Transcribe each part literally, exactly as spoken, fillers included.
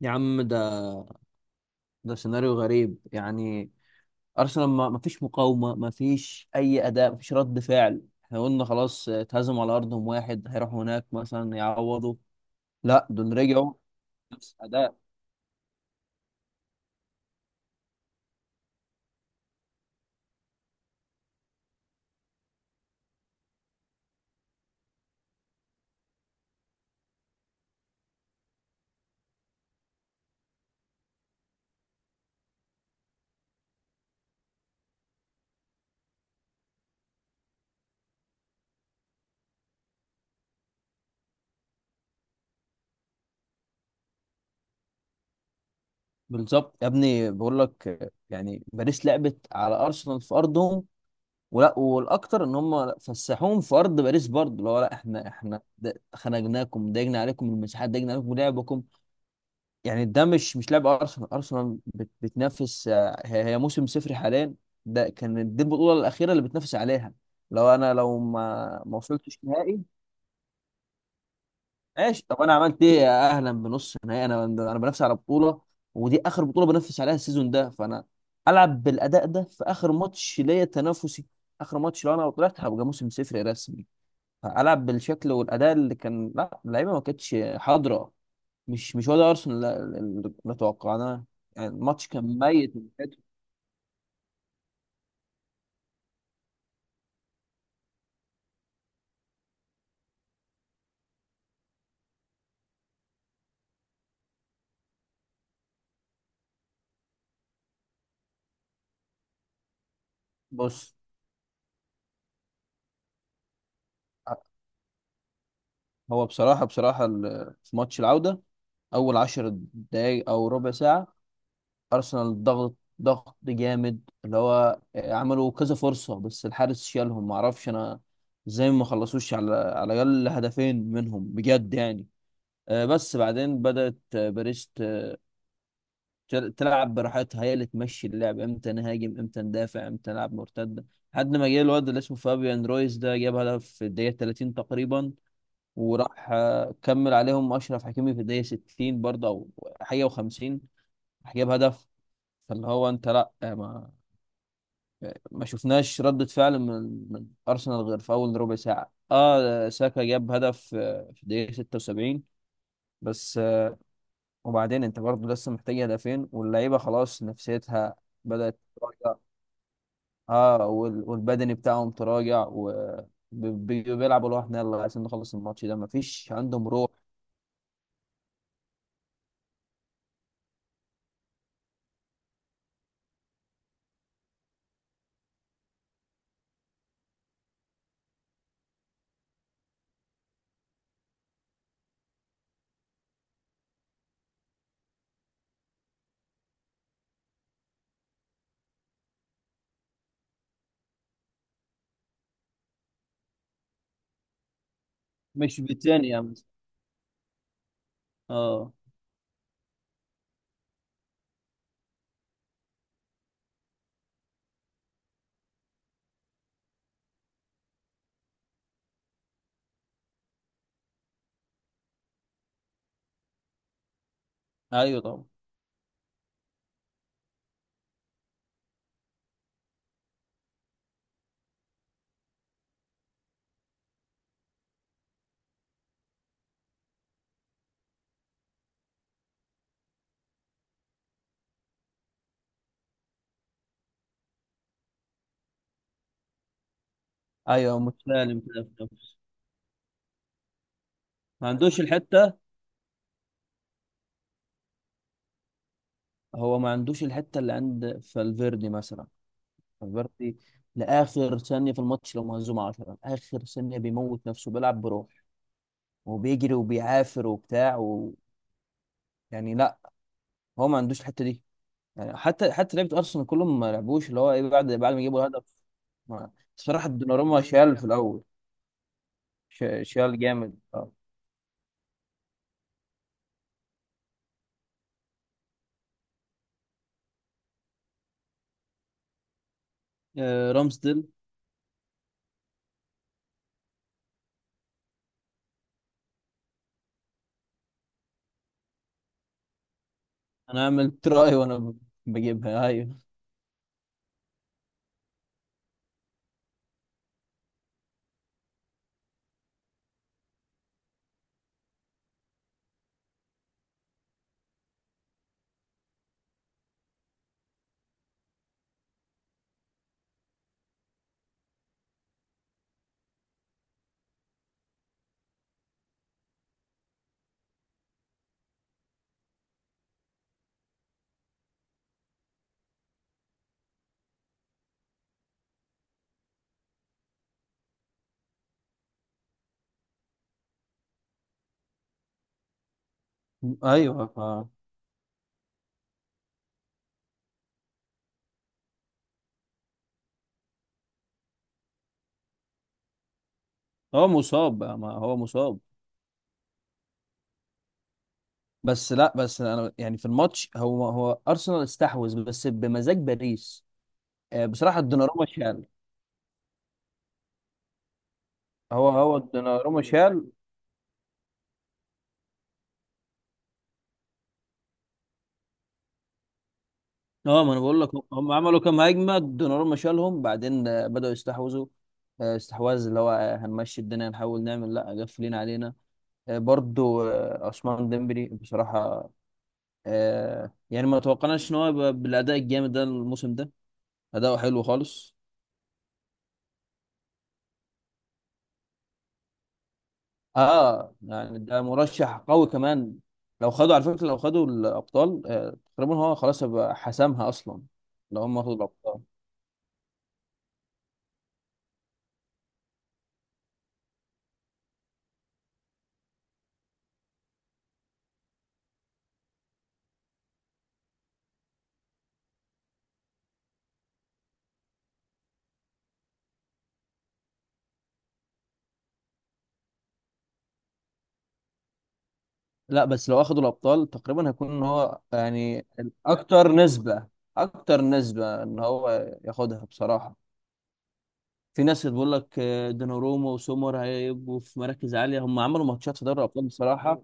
يا عم ده ده سيناريو غريب، يعني ارسنال ما ما فيش مقاومه، ما فيش اي اداء، ما فيش رد فعل. احنا قلنا خلاص اتهزموا على ارضهم واحد، هيروحوا هناك مثلا يعوضوا. لا، دول رجعوا نفس اداء. بالظبط يا ابني، بقول لك يعني باريس لعبت على ارسنال في ارضهم، ولا والاكتر ان هم فسحوهم في ارض باريس برضه. اللي هو لا احنا، احنا ده- خنقناكم ضايقنا عليكم المساحات، ضايقنا عليكم لعبكم. يعني ده مش مش لاعب ارسنال. ارسنال بت- بتنافس آه، هي هي موسم صفري حاليا. ده كان، دي البطوله الاخيره اللي بتنافس عليها. لو انا، لو ما ما وصلتش نهائي، ماشي، طب انا عملت ايه؟ يا اهلا بنص نهائي. انا انا بنافس على بطوله، ودي اخر بطوله بنافس عليها السيزون ده، فانا العب بالاداء ده في اخر ماتش ليا تنافسي. اخر ماتش، لو انا طلعت هبقى موسم صفري رسمي، فالعب بالشكل والاداء اللي كان؟ لا، اللعيبه ما كانتش حاضره، مش مش ولا ارسنال اللي توقعناه. يعني الماتش كان ميت من ناحيته. بص، هو بصراحه بصراحه ال- في ماتش العوده، اول عشر دقايق او ربع ساعه ارسنال ضغط، ضغط جامد اللي هو آه، عملوا كذا فرصه، بس الحارس شالهم. ما اعرفش انا ازاي ما خلصوش على على الاقل هدفين منهم، بجد يعني. آه، بس بعدين بدات آه، باريس تل- تلعب براحتها، هي اللي تمشي اللعب، امتى نهاجم، امتى ندافع، امتى نلعب مرتده، لحد ما جه الواد اللي اسمه فابيان رويز، ده جاب هدف في الدقيقه ثلاثين تقريبا. وراح آه، كمل عليهم اشرف حكيمي في الدقيقه ستين برضه، او حاجه و خمسين، راح جاب هدف. فاللي هو انت لا، آه، ما ما شفناش ردة فعل من من ارسنال غير في اول ربع ساعه. اه، ساكا جاب هدف آه، في الدقيقه ستة وسبعين بس آه، وبعدين انت برضه لسه محتاج هدفين، واللعيبه خلاص نفسيتها بدأت، اه، وال- والبدني بتاعهم تراجع، وبيلعبوا لوحدنا، يلا عايزين نخلص الماتش ده، مفيش عندهم روح. مش بتاني يا مثلا، اه. ايوه طبعا. ايوه، متسالم كده في نفسه. ما عندوش الحته. هو ما عندوش الحته اللي عند فالفيردي مثلا. فالفيردي لاخر ثانيه في الماتش، لو مهزوم عشرة اخر ثانيه بيموت نفسه، بيلعب بروح، وبيجري، وبيعافر، وبتاع، و... يعني لا، هو ما عندوش الحته دي. يعني حتى حتى لعيبه ارسنال كلهم ما لعبوش اللي هو ايه بعد بعد ما يجيبوا الهدف ما- بصراحة الدوناروما شال في الأول. ش- شال جامد، اه. آه، رامسديل. أنا عملت رأي وأنا ب- بجيبها أيوه، أيوه ف- هو مصاب بقى، ما هو مصاب. بس لا بس أنا يعني في الماتش، هو هو أرسنال استحوذ بس بمزاج باريس. آه، بصراحة الدوناروما شال، هو هو الدوناروما شال. اه، ما انا بقول لك، هم عملوا كام هجمه، دوناروما شالهم، بعدين آه، بدأوا يستحوذوا، آه، استحواذ اللي هو آه، هنمشي الدنيا، نحاول نعمل، لا قافلين علينا. آه، برضو آه، عثمان ديمبلي بصراحة، آه، يعني ما توقعناش ان هو يبقى بالاداء الجامد ده الموسم ده. اداؤه حلو خالص. اه، يعني ده مرشح قوي كمان. لو خدوا، على فكرة، لو خدوا الابطال آه، تقريبا هو خلاص هيبقى حسمها اصلا. لو هم اخدوا الابطال، لا بس لو اخدوا الابطال تقريبا هيكون ان هو يعني اكتر نسبة اكتر نسبة ان هو ياخدها بصراحة. في ناس بتقول لك آه، دوناروما وسومر هيبقوا في مراكز عاليه، هم عملوا ماتشات في دوري الابطال بصراحه.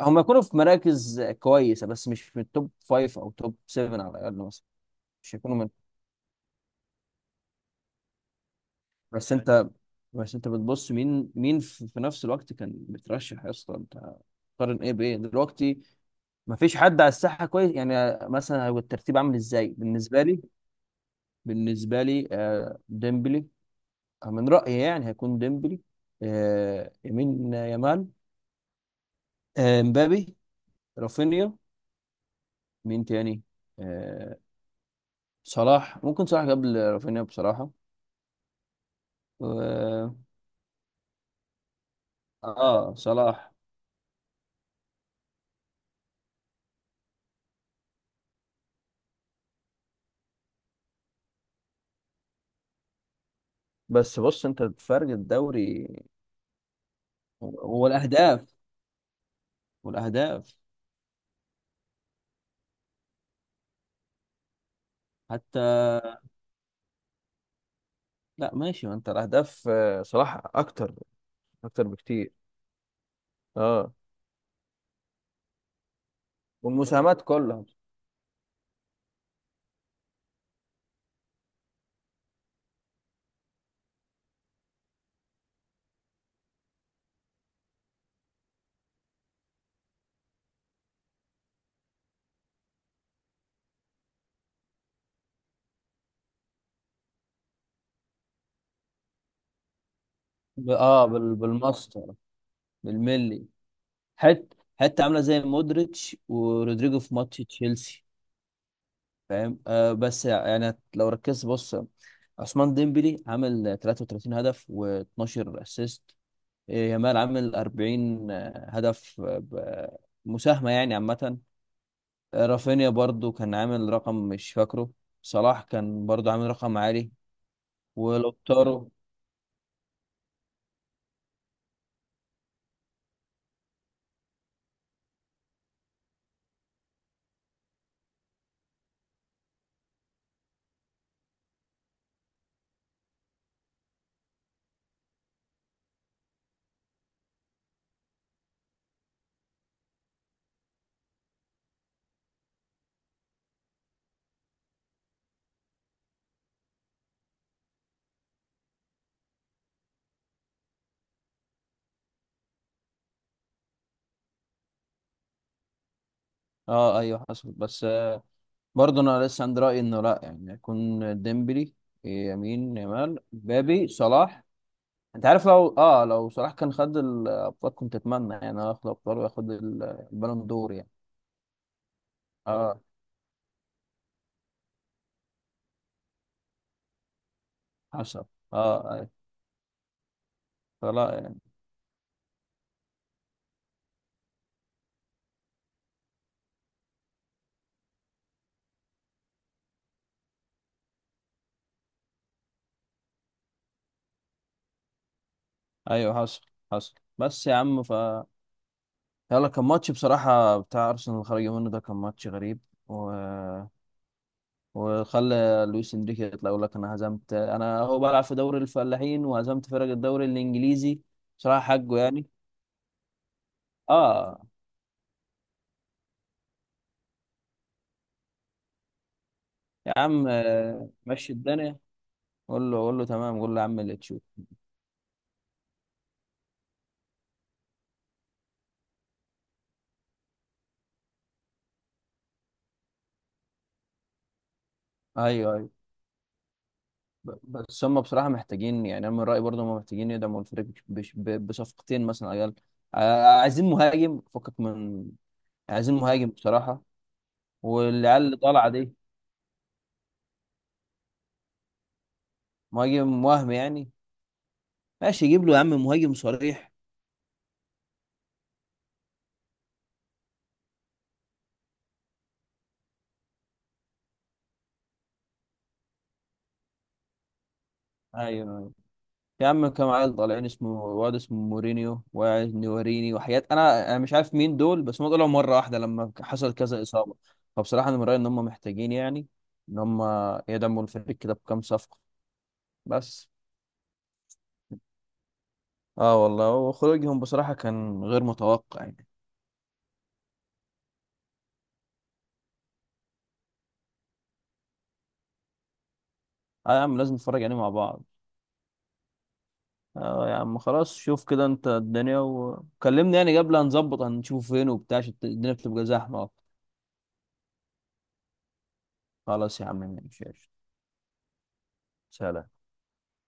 هم يكونوا في مراكز كويسه، بس مش من التوب فايف او توب سبع على الاقل مثلا، مش هيكونوا من بس انت بس انت بتبص مين مين في في نفس الوقت كان مترشح يا اسطى؟ انت قارن ايه بايه دلوقتي؟ ما فيش حد على الساحه كويس يعني. مثلا هو الترتيب عامل ازاي بالنسبه لي؟ بالنسبه لي آه، ديمبلي، من رايي يعني هيكون ديمبلي، آه، يمين يامال، آه، مبابي، رافينيا، مين تاني؟ آه، صلاح. ممكن صلاح قبل رافينيا بصراحة، و- اه صلاح. بس بص، انت فرق الدوري والاهداف والاهداف حتى لا ماشي، ما انت الاهداف آه، صلاح اكتر، اكتر بكتير. اه، والمساهمات كلها ب- اه بال- بالماستر بالملي. حت حتى عامله زي مودريتش ورودريجو في ماتش تشيلسي، فاهم؟ آه، بس يعني هت- لو ركزت، بص، عثمان ديمبلي عامل تلاتة وتلاتين هدف و12 اسيست، يامال عامل أربعين آه، هدف آه، ب- مساهمة يعني عامة. آه، رافينيا برضو كان عامل رقم، مش فاكره. صلاح كان برضو عامل رقم عالي، ولوتارو. اه ايوه، حصل. بس آه، برضو انا لسه عندي رأيي انه لا، يعني يكون ديمبلي، يمين يامال، مبابي، صلاح. انت عارف، لو اه لو صلاح كان خد الابطال كنت اتمنى يعني هو ياخد الابطال وياخد ال- البالون دور يعني. اه حصل، اه ايوه. فلا يعني. ايوه حصل، حصل. بس يا عم ف يلا، كان ماتش بصراحة، بتاع ارسنال اللي خرج منه ده كان ماتش غريب و... وخلى لويس انريكي يطلع يقول لك انا هزمت، انا هو بلعب في دوري الفلاحين وهزمت فرق الدوري الانجليزي. بصراحة حقه يعني. اه يا عم، آه، مشي الدنيا، قول له قول له تمام، قول له يا عم اللي تشوف. ايوه، ايوه، ب- بس هم بصراحة محتاجين، يعني أنا من رأيي برضه هم محتاجين يدعموا الفريق بش- ب- بصفقتين مثلا، عيال ع- عايزين مهاجم فكك من، عايزين مهاجم بصراحة، والعيال اللي طالعة دي مهاجم، وهم يعني، ماشي يجيب له يا عم مهاجم صريح. أيوه، أيوه. يا عم كام عيل طالعين، اسمه واد اسمه مورينيو، وواحد نواريني، وحاجات أنا أنا مش عارف مين دول، بس هم طلعوا مرة واحدة لما حصل كذا إصابة. فبصراحة أنا من رأيي إن هم محتاجين يعني، إن هم يدعموا الفريق كده بكام صفقة بس. اه والله، وخروجهم بصراحة كان غير متوقع يعني. اه يا عم لازم نتفرج عليه مع بعض. اه يا عم، خلاص، شوف كده انت الدنيا وكلمني يعني قبل، هنظبط، هنشوف فين وبتاع عشان الدنيا بتبقى زحمة. خلاص يا عم، ماشي، قشطة. سلام.